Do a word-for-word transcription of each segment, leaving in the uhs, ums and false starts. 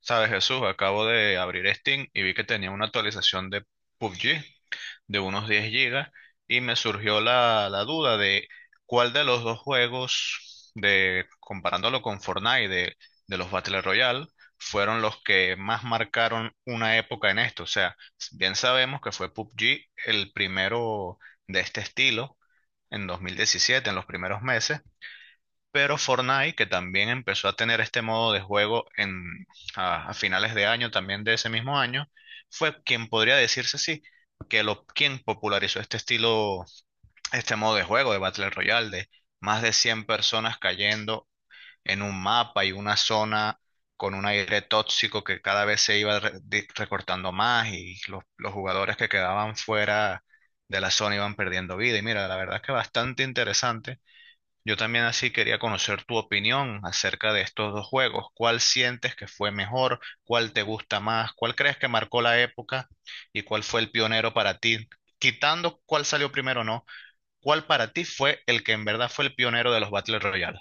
Sabes, Jesús, acabo de abrir Steam y vi que tenía una actualización de P U B G de unos diez gigas y me surgió la, la duda de cuál de los dos juegos, de, comparándolo con Fortnite, de, de los Battle Royale, fueron los que más marcaron una época en esto. O sea, bien sabemos que fue P U B G el primero de este estilo en dos mil diecisiete, en los primeros meses, pero Fortnite, que también empezó a tener este modo de juego en, a, a finales de año, también de ese mismo año, fue quien podría decirse sí, que lo, quien popularizó este estilo, este modo de juego de Battle Royale, de más de cien personas cayendo en un mapa y una zona con un aire tóxico que cada vez se iba re- di- recortando más y los, los jugadores que quedaban fuera de la zona iban perdiendo vida. Y mira, la verdad es que bastante interesante. Yo también así quería conocer tu opinión acerca de estos dos juegos. ¿Cuál sientes que fue mejor? ¿Cuál te gusta más? ¿Cuál crees que marcó la época? ¿Y cuál fue el pionero para ti? Quitando cuál salió primero o no, ¿cuál para ti fue el que en verdad fue el pionero de los Battle Royale?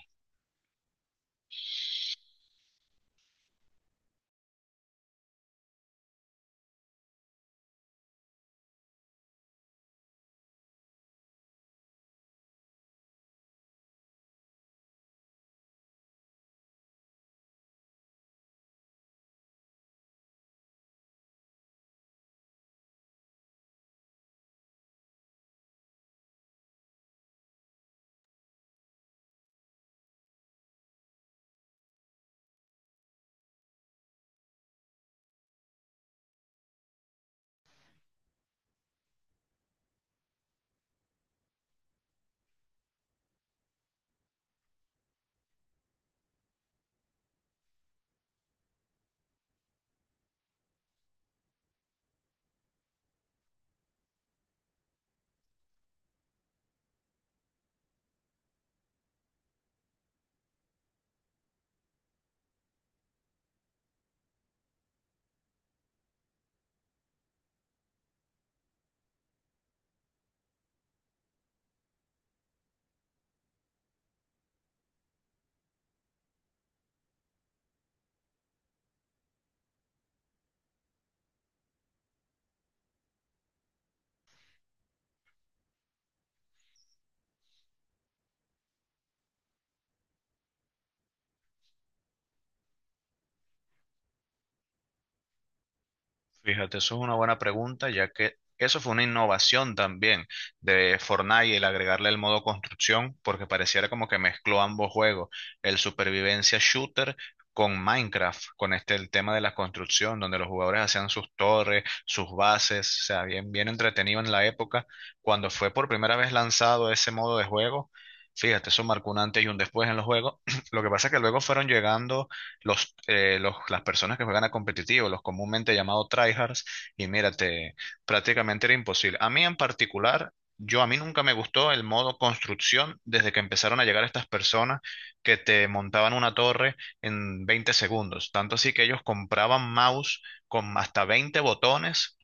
Fíjate, eso es una buena pregunta, ya que eso fue una innovación también de Fortnite, el agregarle el modo construcción, porque pareciera como que mezcló ambos juegos, el supervivencia shooter con Minecraft, con este el tema de la construcción, donde los jugadores hacían sus torres, sus bases, o sea, bien, bien entretenido en la época. Cuando fue por primera vez lanzado ese modo de juego, fíjate, eso marcó un antes y un después en los juegos. Lo que pasa es que luego fueron llegando los, eh, los- las personas que juegan a competitivo, los comúnmente llamados tryhards, y mírate, prácticamente era imposible. A mí en particular, yo a mí nunca me gustó el modo construcción desde que empezaron a llegar estas personas que te montaban una torre en veinte segundos. Tanto así que ellos compraban mouse con hasta veinte botones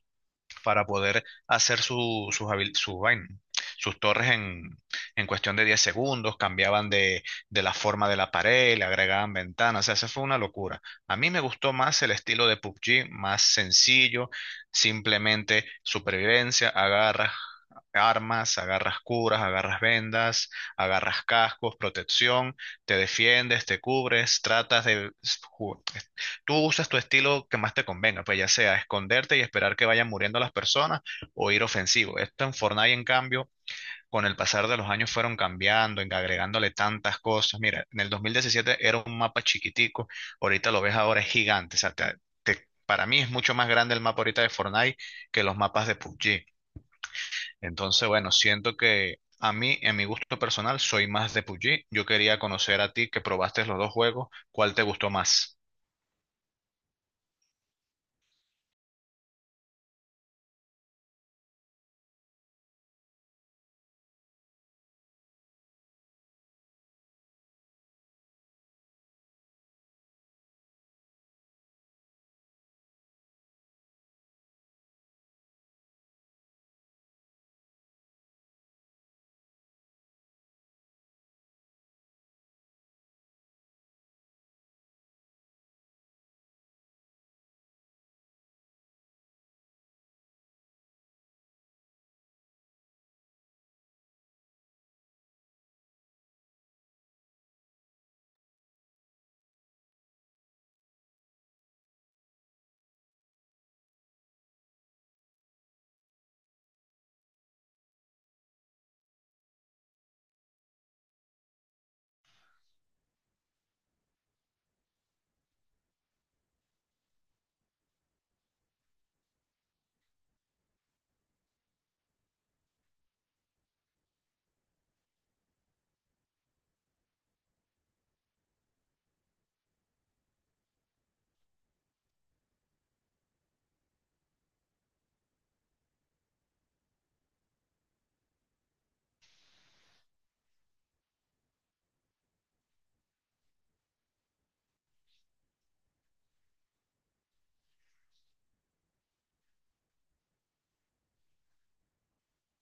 para poder hacer su, sus, habil- su vaina, sus torres en, en cuestión de diez segundos, cambiaban de, de la forma de la pared, le agregaban ventanas, o sea, eso fue una locura. A mí me gustó más el estilo de P U B G, más sencillo, simplemente supervivencia, agarras armas, agarras curas, agarras vendas, agarras cascos, protección, te defiendes, te cubres, tratas de ju- tú usas tu estilo que más te convenga, pues ya sea esconderte y esperar que vayan muriendo las personas o ir ofensivo. Esto en Fortnite, en cambio, con el pasar de los años fueron cambiando, en- agregándole tantas cosas. Mira, en el dos mil diecisiete era un mapa chiquitico, ahorita lo ves ahora es gigante. O sea, te- te- para mí es mucho más grande el mapa ahorita de Fortnite que los mapas de P U B G. Entonces, bueno, siento que a mí, en mi gusto personal, soy más de P U B G. Yo quería conocer a ti que probaste los dos juegos, ¿cuál te gustó más?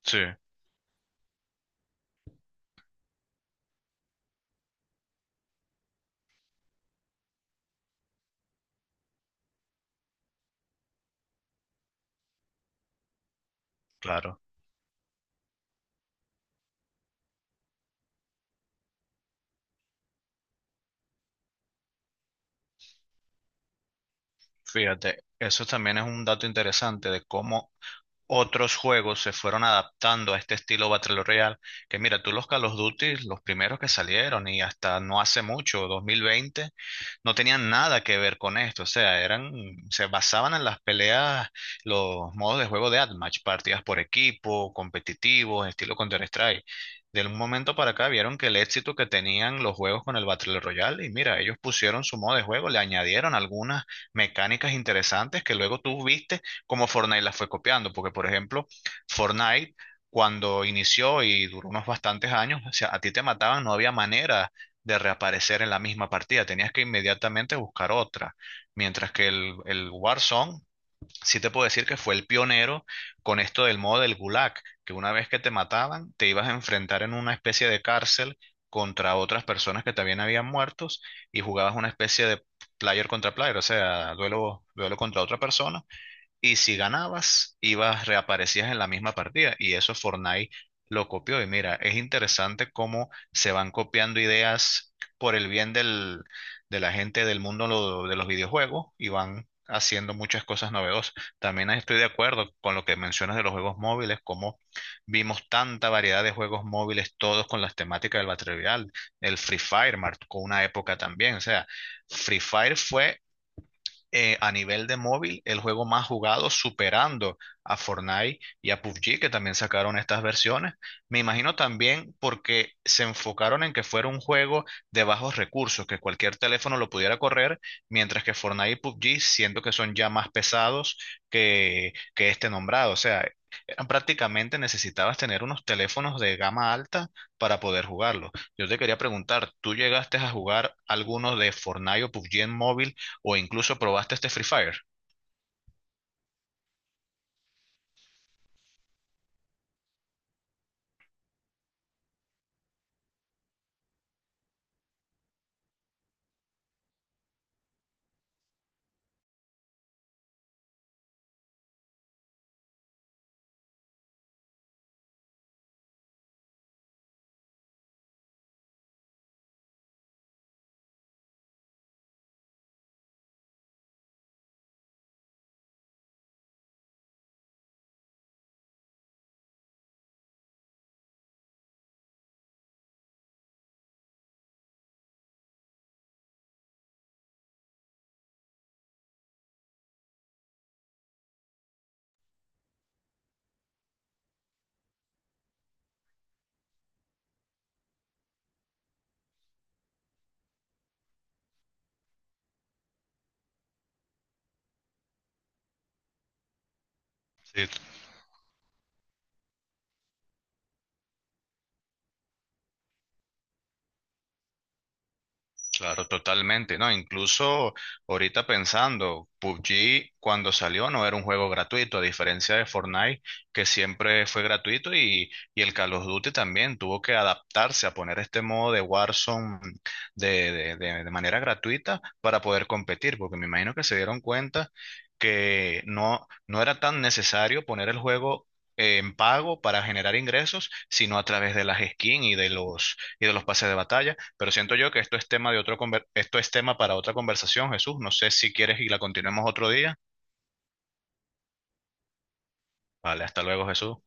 Sí, claro. Fíjate, eso también es un dato interesante de cómo otros juegos se fueron adaptando a este estilo Battle Royale. Que mira, tú los Call of Duty, los primeros que salieron y hasta no hace mucho, dos mil veinte no tenían nada que ver con esto, o sea, eran, se basaban en las peleas, los modos de juego de Admatch, partidas por equipo, competitivos, estilo Counter-Strike. De un momento para acá vieron que el éxito que tenían los juegos con el Battle Royale, y mira, ellos pusieron su modo de juego, le añadieron algunas mecánicas interesantes que luego tú viste como Fortnite las fue copiando, porque por ejemplo, Fortnite cuando inició y duró unos bastantes años, o sea, a ti te mataban, no había manera de reaparecer en la misma partida. Tenías que inmediatamente buscar otra. Mientras que el, el Warzone, sí te puedo decir que fue el pionero con esto del modo del Gulag, que una vez que te mataban, te ibas a enfrentar en una especie de cárcel contra otras personas que también habían muertos y jugabas una especie de player contra player, o sea, duelo, duelo contra otra persona y si ganabas, ibas, reaparecías en la misma partida. Y eso Fortnite lo copió. Y mira, es interesante cómo se van copiando ideas por el bien del, de la gente del mundo lo- de los videojuegos y van haciendo muchas cosas novedosas. También estoy de acuerdo con lo que mencionas de los juegos móviles, cómo vimos tanta variedad de juegos móviles, todos con las temáticas del Battle Royale, el Free Fire marcó una época también. O sea, Free Fire fue eh, a nivel de móvil el juego más jugado, superando a Fortnite y a P U B G, que también sacaron estas versiones. Me imagino también porque se enfocaron en que fuera un juego de bajos recursos, que cualquier teléfono lo pudiera correr, mientras que Fortnite y P U B G, siento que son ya más pesados que, que este nombrado. O sea, eran prácticamente necesitabas tener unos teléfonos de gama alta para poder jugarlo. Yo te quería preguntar, ¿tú llegaste a jugar algunos de Fortnite o P U B G en móvil? O incluso probaste este Free Fire. Sí, claro, totalmente, ¿no? Incluso ahorita pensando, P U B G cuando salió no era un juego gratuito, a diferencia de Fortnite, que siempre fue gratuito, y, y el Call of Duty también tuvo que adaptarse a poner este modo de Warzone de, de, de- de manera gratuita para poder competir, porque me imagino que se dieron cuenta que no, no era tan necesario poner el juego. Eh, en pago para generar ingresos, sino a través de las skins y de los y de los pases de batalla, pero siento yo que esto es tema de otro conver- esto es tema para otra conversación, Jesús. No sé si quieres y la continuemos otro día. Vale, hasta luego, Jesús.